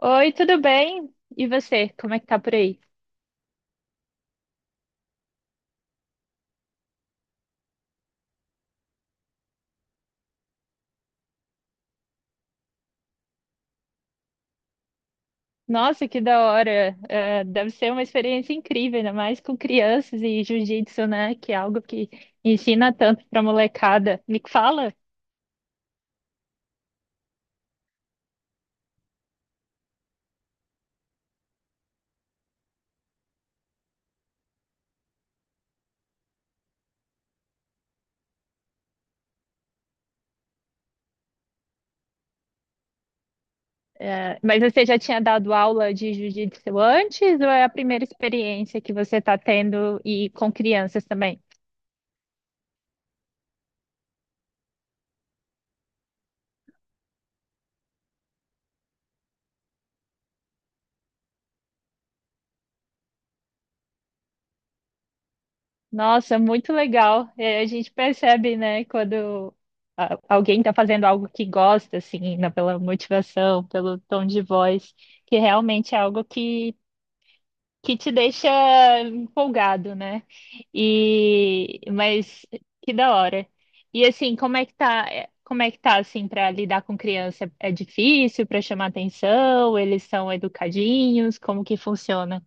Oi, tudo bem? E você, como é que tá por aí? Nossa, que da hora! Deve ser uma experiência incrível, ainda mais com crianças e jiu-jitsu, né? Que é algo que ensina tanto pra molecada. Me fala, mas você já tinha dado aula de jiu-jitsu antes ou é a primeira experiência que você tá tendo e com crianças também? Nossa, muito legal. A gente percebe, né, quando alguém está fazendo algo que gosta, assim, né, pela motivação, pelo tom de voz, que realmente é algo que te deixa empolgado, né? E mas que da hora. E assim, como é que tá? Como é que tá assim para lidar com criança? É difícil para chamar atenção? Eles são educadinhos? Como que funciona?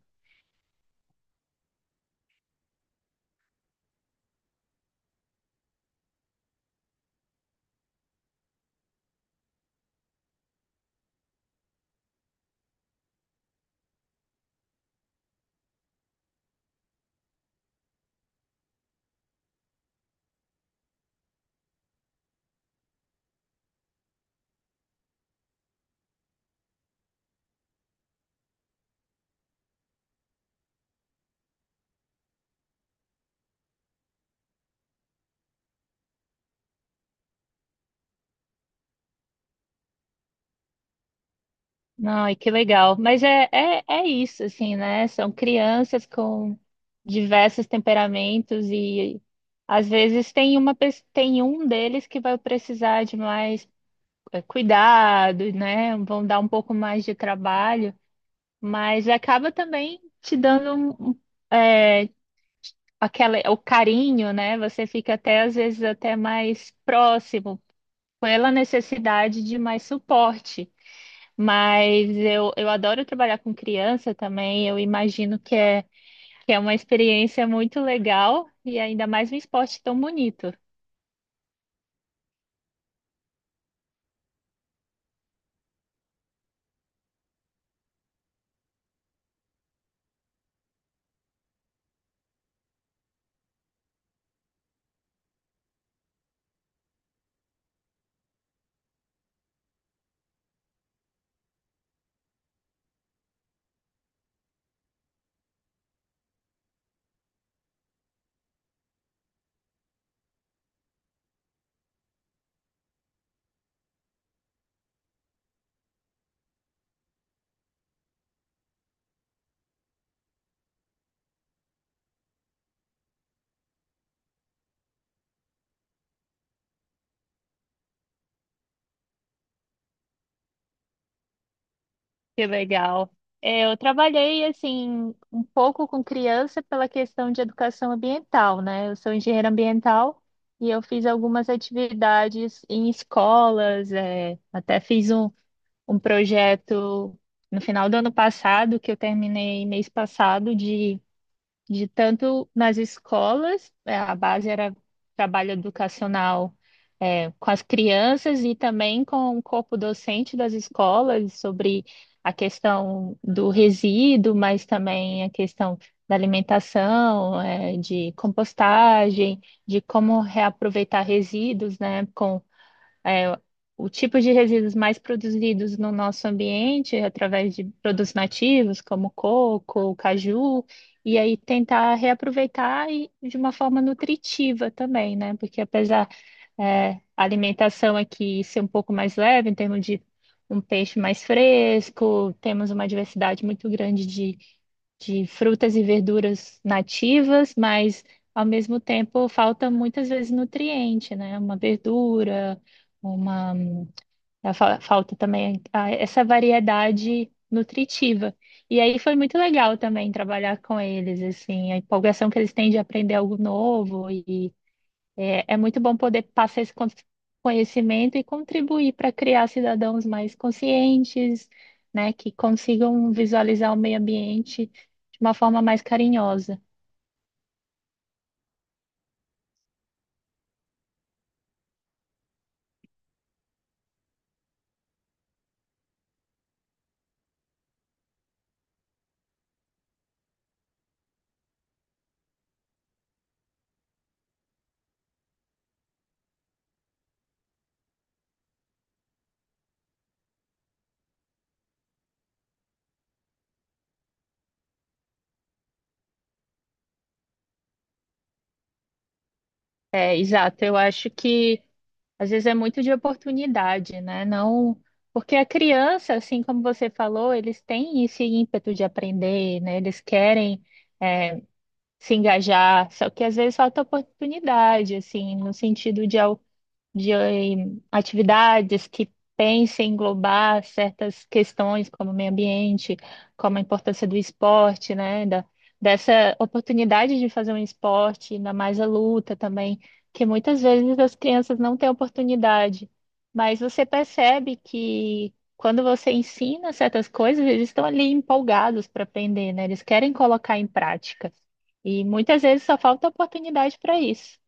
Não, e que legal. Mas é isso, assim, né? São crianças com diversos temperamentos e às vezes tem tem um deles que vai precisar de mais cuidado, né? Vão dar um pouco mais de trabalho, mas acaba também te dando um, um, eh, aquela, o carinho, né? Você fica até às vezes até mais próximo pela necessidade de mais suporte. Mas eu adoro trabalhar com criança também. Eu imagino que é uma experiência muito legal e ainda mais um esporte tão bonito. Que legal. Eu trabalhei assim um pouco com criança pela questão de educação ambiental, né? Eu sou engenheira ambiental e eu fiz algumas atividades em escolas, até fiz um projeto no final do ano passado que eu terminei mês passado de tanto nas escolas. A base era trabalho educacional, com as crianças e também com o corpo docente das escolas sobre a questão do resíduo, mas também a questão da alimentação, de compostagem, de como reaproveitar resíduos, né, é, o tipo de resíduos mais produzidos no nosso ambiente, através de produtos nativos, como coco, caju, e aí tentar reaproveitar e de uma forma nutritiva também, né? Porque é, a alimentação aqui ser um pouco mais leve, em termos de um peixe mais fresco, temos uma diversidade muito grande de frutas e verduras nativas, mas ao mesmo tempo falta muitas vezes nutriente, né? Uma verdura, uma falta também essa variedade nutritiva. E aí foi muito legal também trabalhar com eles, assim. A empolgação que eles têm de aprender algo novo é muito bom. Poder passar esse conhecimento e contribuir para criar cidadãos mais conscientes, né, que consigam visualizar o meio ambiente de uma forma mais carinhosa. É, exato, eu acho que às vezes é muito de oportunidade, né? Não, porque a criança, assim como você falou, eles têm esse ímpeto de aprender, né? Eles querem é, se engajar, só que às vezes falta oportunidade, assim, no sentido de atividades que pensem em englobar certas questões como meio ambiente, como a importância do esporte, né, dessa oportunidade de fazer um esporte, ainda mais a luta também, que muitas vezes as crianças não têm oportunidade, mas você percebe que quando você ensina certas coisas, eles estão ali empolgados para aprender, né? Eles querem colocar em prática. E muitas vezes só falta oportunidade para isso.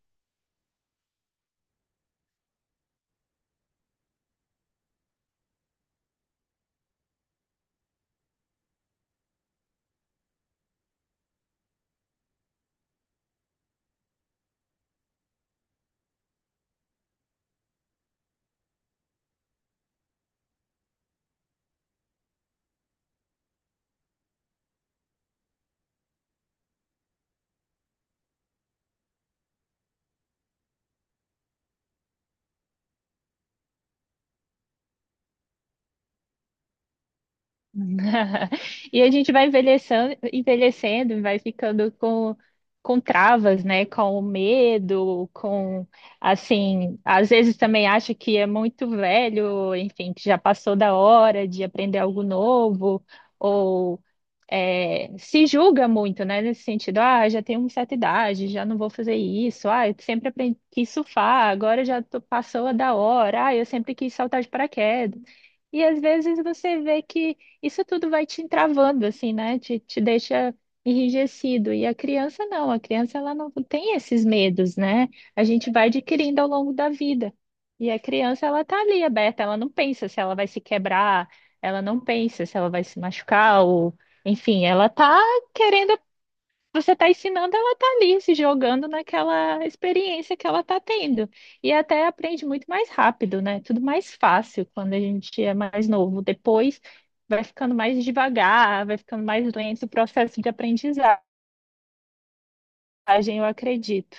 E a gente vai envelhecendo, envelhecendo, vai ficando com travas, né? Com o medo, com, assim, às vezes também acha que é muito velho, enfim, que já passou da hora de aprender algo novo. Se julga muito, né? Nesse sentido, ah, já tenho uma certa idade, já não vou fazer isso, ah, eu sempre aprendi, quis surfar, agora já passou a da hora, ah, eu sempre quis saltar de paraquedas. E às vezes você vê que isso tudo vai te entravando, assim, né? Te deixa enrijecido. E a criança não, a criança ela não tem esses medos, né? A gente vai adquirindo ao longo da vida. E a criança ela tá ali aberta, ela não pensa se ela vai se quebrar, ela não pensa se ela vai se machucar. Enfim, ela tá querendo, você tá ensinando, ela tá ali se jogando naquela experiência que ela tá tendo. E até aprende muito mais rápido, né? Tudo mais fácil quando a gente é mais novo. Depois vai ficando mais devagar, vai ficando mais lento o processo de aprendizagem, eu acredito.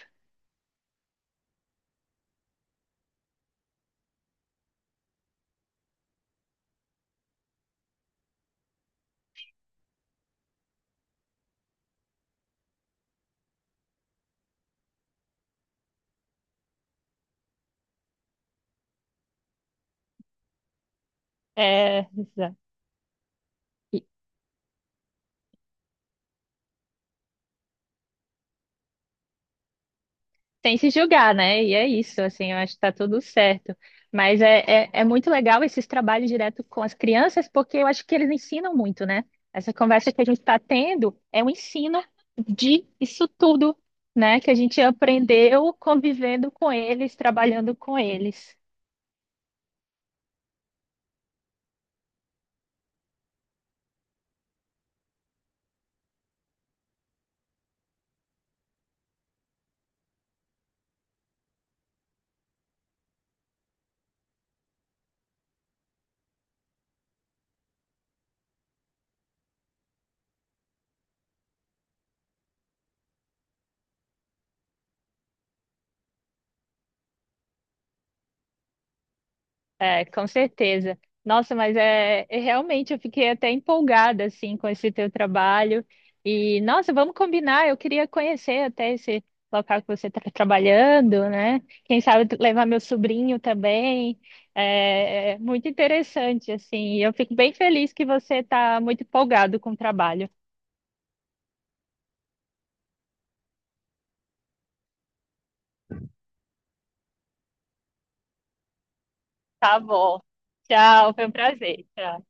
É, exato. Sem se julgar, né? E é isso, assim, eu acho que tá tudo certo. Mas é muito legal esses trabalhos direto com as crianças, porque eu acho que eles ensinam muito, né? Essa conversa que a gente está tendo é um ensino de isso tudo, né? Que a gente aprendeu convivendo com eles, trabalhando com eles. É, com certeza. Nossa, mas é realmente eu fiquei até empolgada assim com esse teu trabalho. E nossa, vamos combinar. Eu queria conhecer até esse local que você está trabalhando, né? Quem sabe levar meu sobrinho também. É, é muito interessante assim. E eu fico bem feliz que você está muito empolgado com o trabalho. Tá bom. Tchau, foi um prazer. Tchau.